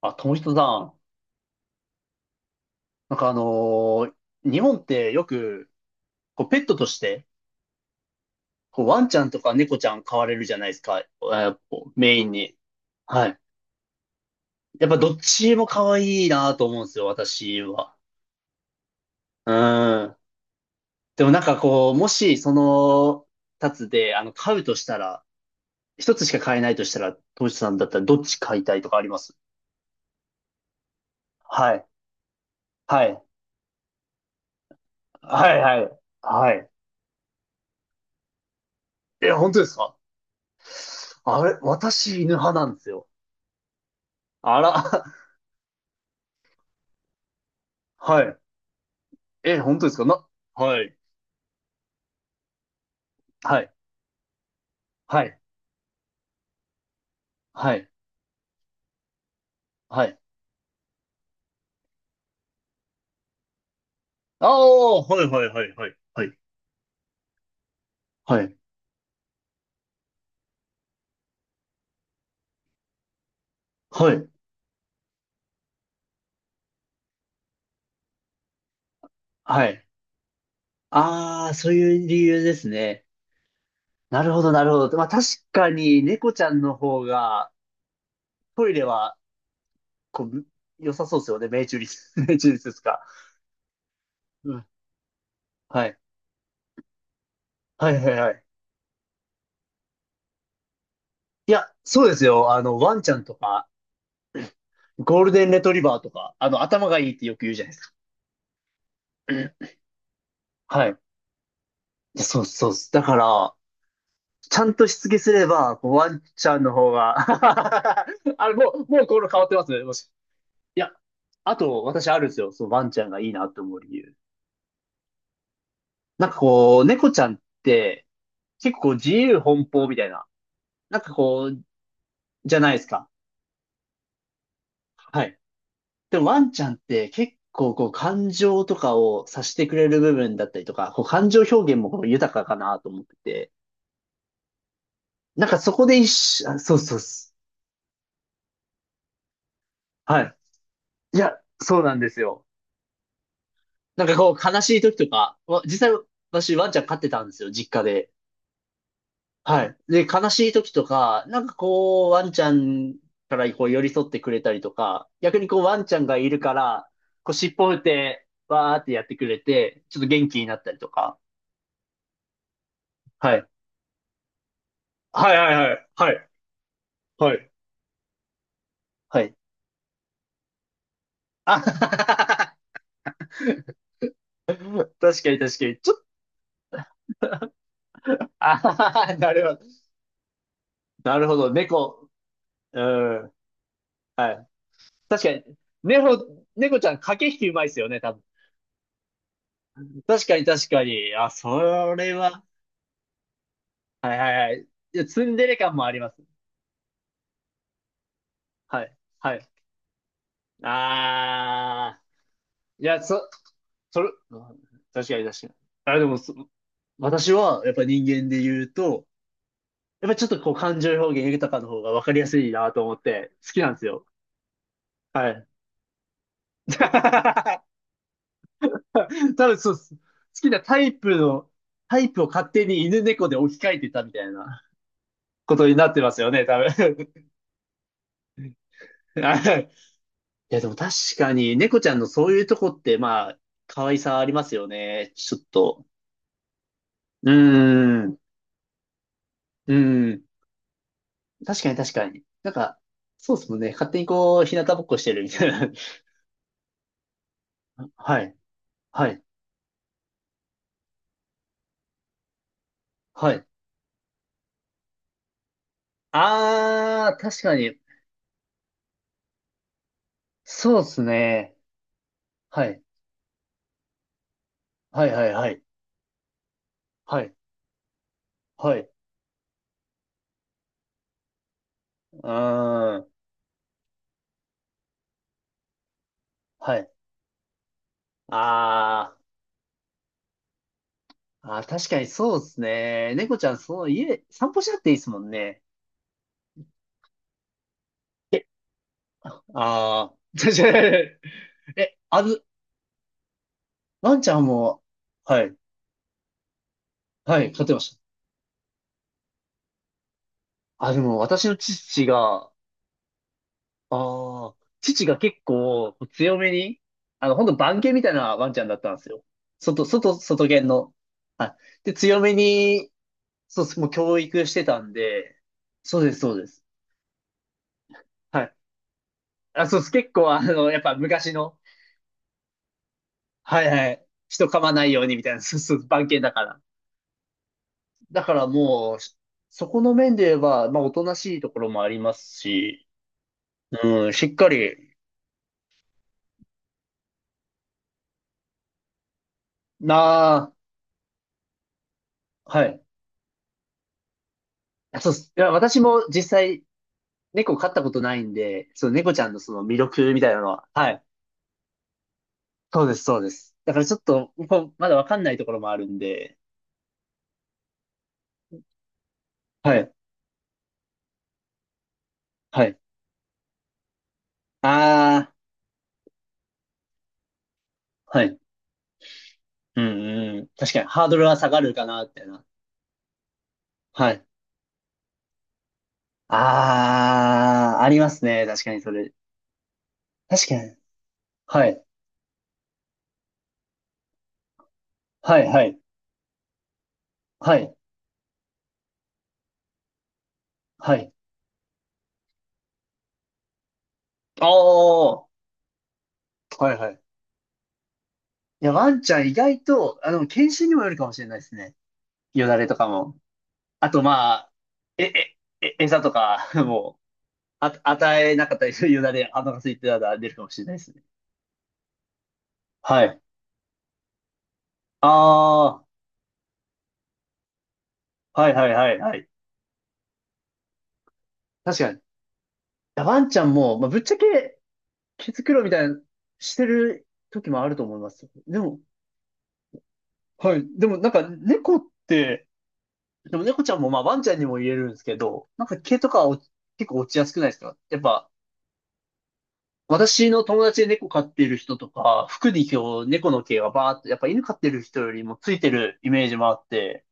あ、友人さん、なんか日本ってよく、こうペットとして、こうワンちゃんとか猫ちゃん飼われるじゃないですか、あこメインに。はい。やっぱどっちも可愛いなと思うんですよ、私は。うん。でもなんかこう、もしその、二つで、飼うとしたら、一つしか飼えないとしたら、友人さんだったらどっち飼いたいとかあります？はい。はい。はい、はい。はい。え、本当ですか？あれ、私犬派なんですよ。あら。はい。え、本当ですかな、はい。はい、はい、はい、はい、ああ、はいはいはいはい。はい。はい、はい、はい。ああ、そういう理由ですね。なるほど、なるほど。まあ確かに猫ちゃんの方がトイレはこう良さそうですよね。命中率、命中率ですか？うん。はい。はいはいはい。いや、そうですよ。ワンちゃんとか、ゴールデンレトリバーとか、頭がいいってよく言うじゃないですか。はい。いやそうそうっす。だから、ちゃんとしつけすれば、こうワンちゃんの方が。 あれ、もうこの変わってますね。もし。いや、あと、私あるんですよ。そのワンちゃんがいいなと思う理由。なんかこう、猫ちゃんって、結構自由奔放みたいな。なんかこう、じゃないですか。はい。でもワンちゃんって結構こう、感情とかを察してくれる部分だったりとか、こう、感情表現もこう豊かかなと思ってて。なんかそこで一緒、あそうそうそう、はい。いや、そうなんですよ。なんかこう、悲しい時とか、実際私ワンちゃん飼ってたんですよ、実家で。はい。で、悲しい時とか、なんかこう、ワンちゃんからこう寄り添ってくれたりとか、逆にこう、ワンちゃんがいるから、こう、尻尾振って、わーってやってくれて、ちょっと元気になったりとか。はい。はいはいはい。はい。はい。はい。あははは、確かに確かに。ちょっと、あはははなるほど。なるほど。猫。うん。はい。確かに。猫、猫ちゃん駆け引きうまいですよね、多分。確かに確かに。あ、それは。はいはいはい。いや、ツンデレ感もあります。はい。はい。あー。いや、そ、それ、確かに確かに。あ、でもそ、私は、やっぱ人間で言うと、やっぱちょっとこう感情表現豊かの方が分かりやすいなと思って、好きなんですよ。はい。多分そうっす。好きなタイプの、タイプを勝手に犬猫で置き換えてたみたいなことになってますよね、多分。いや、でも確かに、猫ちゃんのそういうとこって、まあ、可愛さありますよね。ちょっと。うーん。うーん。確かに確かに。なんか、そうっすもんね。勝手にこう、日向ぼっこしてるみたいな。はい。はい。はい。あー、確かに。そうっすね。はい。はいはいはい。はい。はい。うーん。はい。あー。あー、確かにそうっすね。猫ちゃん、そう、家、散歩しなくていいっすもんね。ああー、確かに。え、あず、ワンちゃんも、はい、はい、飼ってました。あ、でも私の父が、ああ、父が結構強めに、ほんと番犬みたいなワンちゃんだったんですよ。外犬の。はい。で、強めに、そうです、もう教育してたんで、そうです、そうです。はい。あ、そうです、結構やっぱ昔の、はいはい、人噛まないようにみたいな、そうそう、番犬だから。だからもう、そこの面で言えば、まあ、おとなしいところもありますし、うん、しっかり、なあ、はい。あそうっす。いや、私も実際、猫飼ったことないんで、その猫ちゃんのその魅力みたいなのは、はい。そうです、そうです。だからちょっと、こうまだわかんないところもあるんで、はい、はい。ああ、はい。うん、うん。確かに、ハードルは下がるかな、みたいな。はい。ああ、ありますね。確かに、それ。確かに。はい、はい、はい、はい、はい。ああ、はい、はい。いや、ワンちゃん意外と、犬種にもよるかもしれないですね。よだれとかも。あと、まあ、え、餌とか、もう、あ、与えなかったりするよだれ、お腹空いてたら出るかもしれないですね。はい。ああ、はいはいはいはい。確かに。いやワンちゃんも、まあ、ぶっちゃけ、毛づくろいみたいな、してる時もあると思いますよ。でも、はい。でも、なんか、猫って、でも猫ちゃんも、まあ、ワンちゃんにも言えるんですけど、なんか毛とかは結構落ちやすくないですか？やっぱ、私の友達で猫飼ってる人とか、服に今日猫の毛がバーっと、やっぱ犬飼ってる人よりもついてるイメージもあって、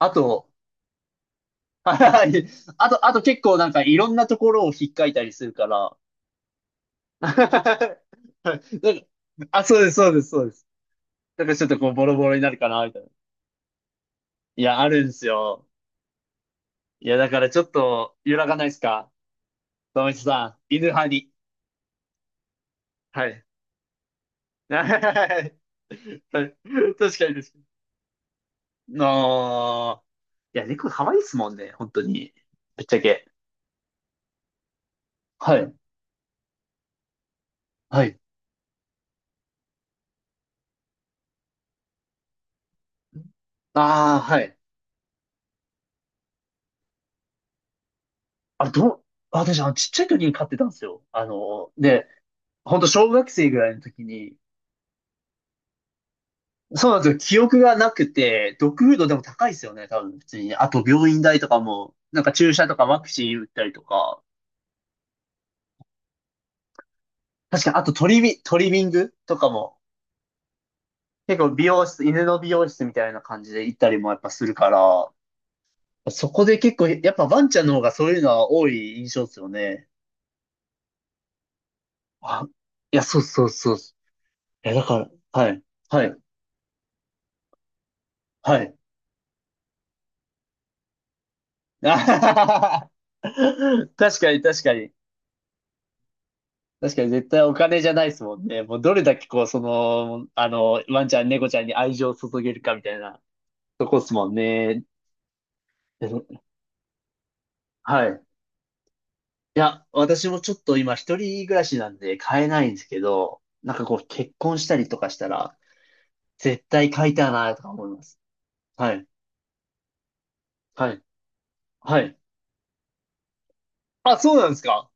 あと、はい、あと、あと結構なんかいろんなところをひっかいたりするから、なんかあ、そうです、そうです、そうです。だからちょっとこうボロボロになるかな、みたいな。いや、あるんですよ。いや、だからちょっと揺らがないですか？富田さん、犬派に。はい。はい、確かにです。なあ。や、猫可愛いですもんね、本当に。ぶっちゃけ。はい。はい。ああ、はい。あ、どう、私、ちっちゃい時に飼ってたんですよ。で、本当小学生ぐらいの時に、そうなんですよ。記憶がなくて、ドッグフードでも高いですよね、多分、普通に。あと、病院代とかも、なんか注射とかワクチン打ったりとか。確かに、あとトリミングとかも、結構美容室、犬の美容室みたいな感じで行ったりもやっぱするから、そこで結構、やっぱワンちゃんの方がそういうのは多い印象ですよね。あ、いや、そうそうそう。え、だから、はい、はい、はい。あははは、確かに、確かに。確かに、絶対お金じゃないですもんね。もう、どれだけ、こう、その、ワンちゃん、猫ちゃんに愛情を注げるかみたいなとこっすもんね。えはい。いや、私もちょっと今、一人暮らしなんで買えないんですけど、なんかこう、結婚したりとかしたら、絶対買いたいな、とか思います。はい、はい、はい。あ、そうなんですか？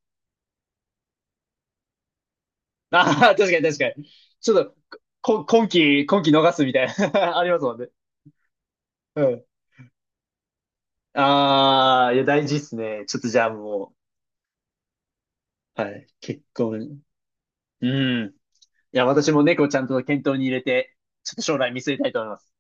ああ、確かに確かに。ちょっと、こ、今期、今期逃すみたいな ありますもんね。うん。ああ、いや、大事っすね。ちょっとじゃあもう、はい、結婚。うん。いや、私も猫ちゃんと検討に入れて、ちょっと将来見据えたいと思います。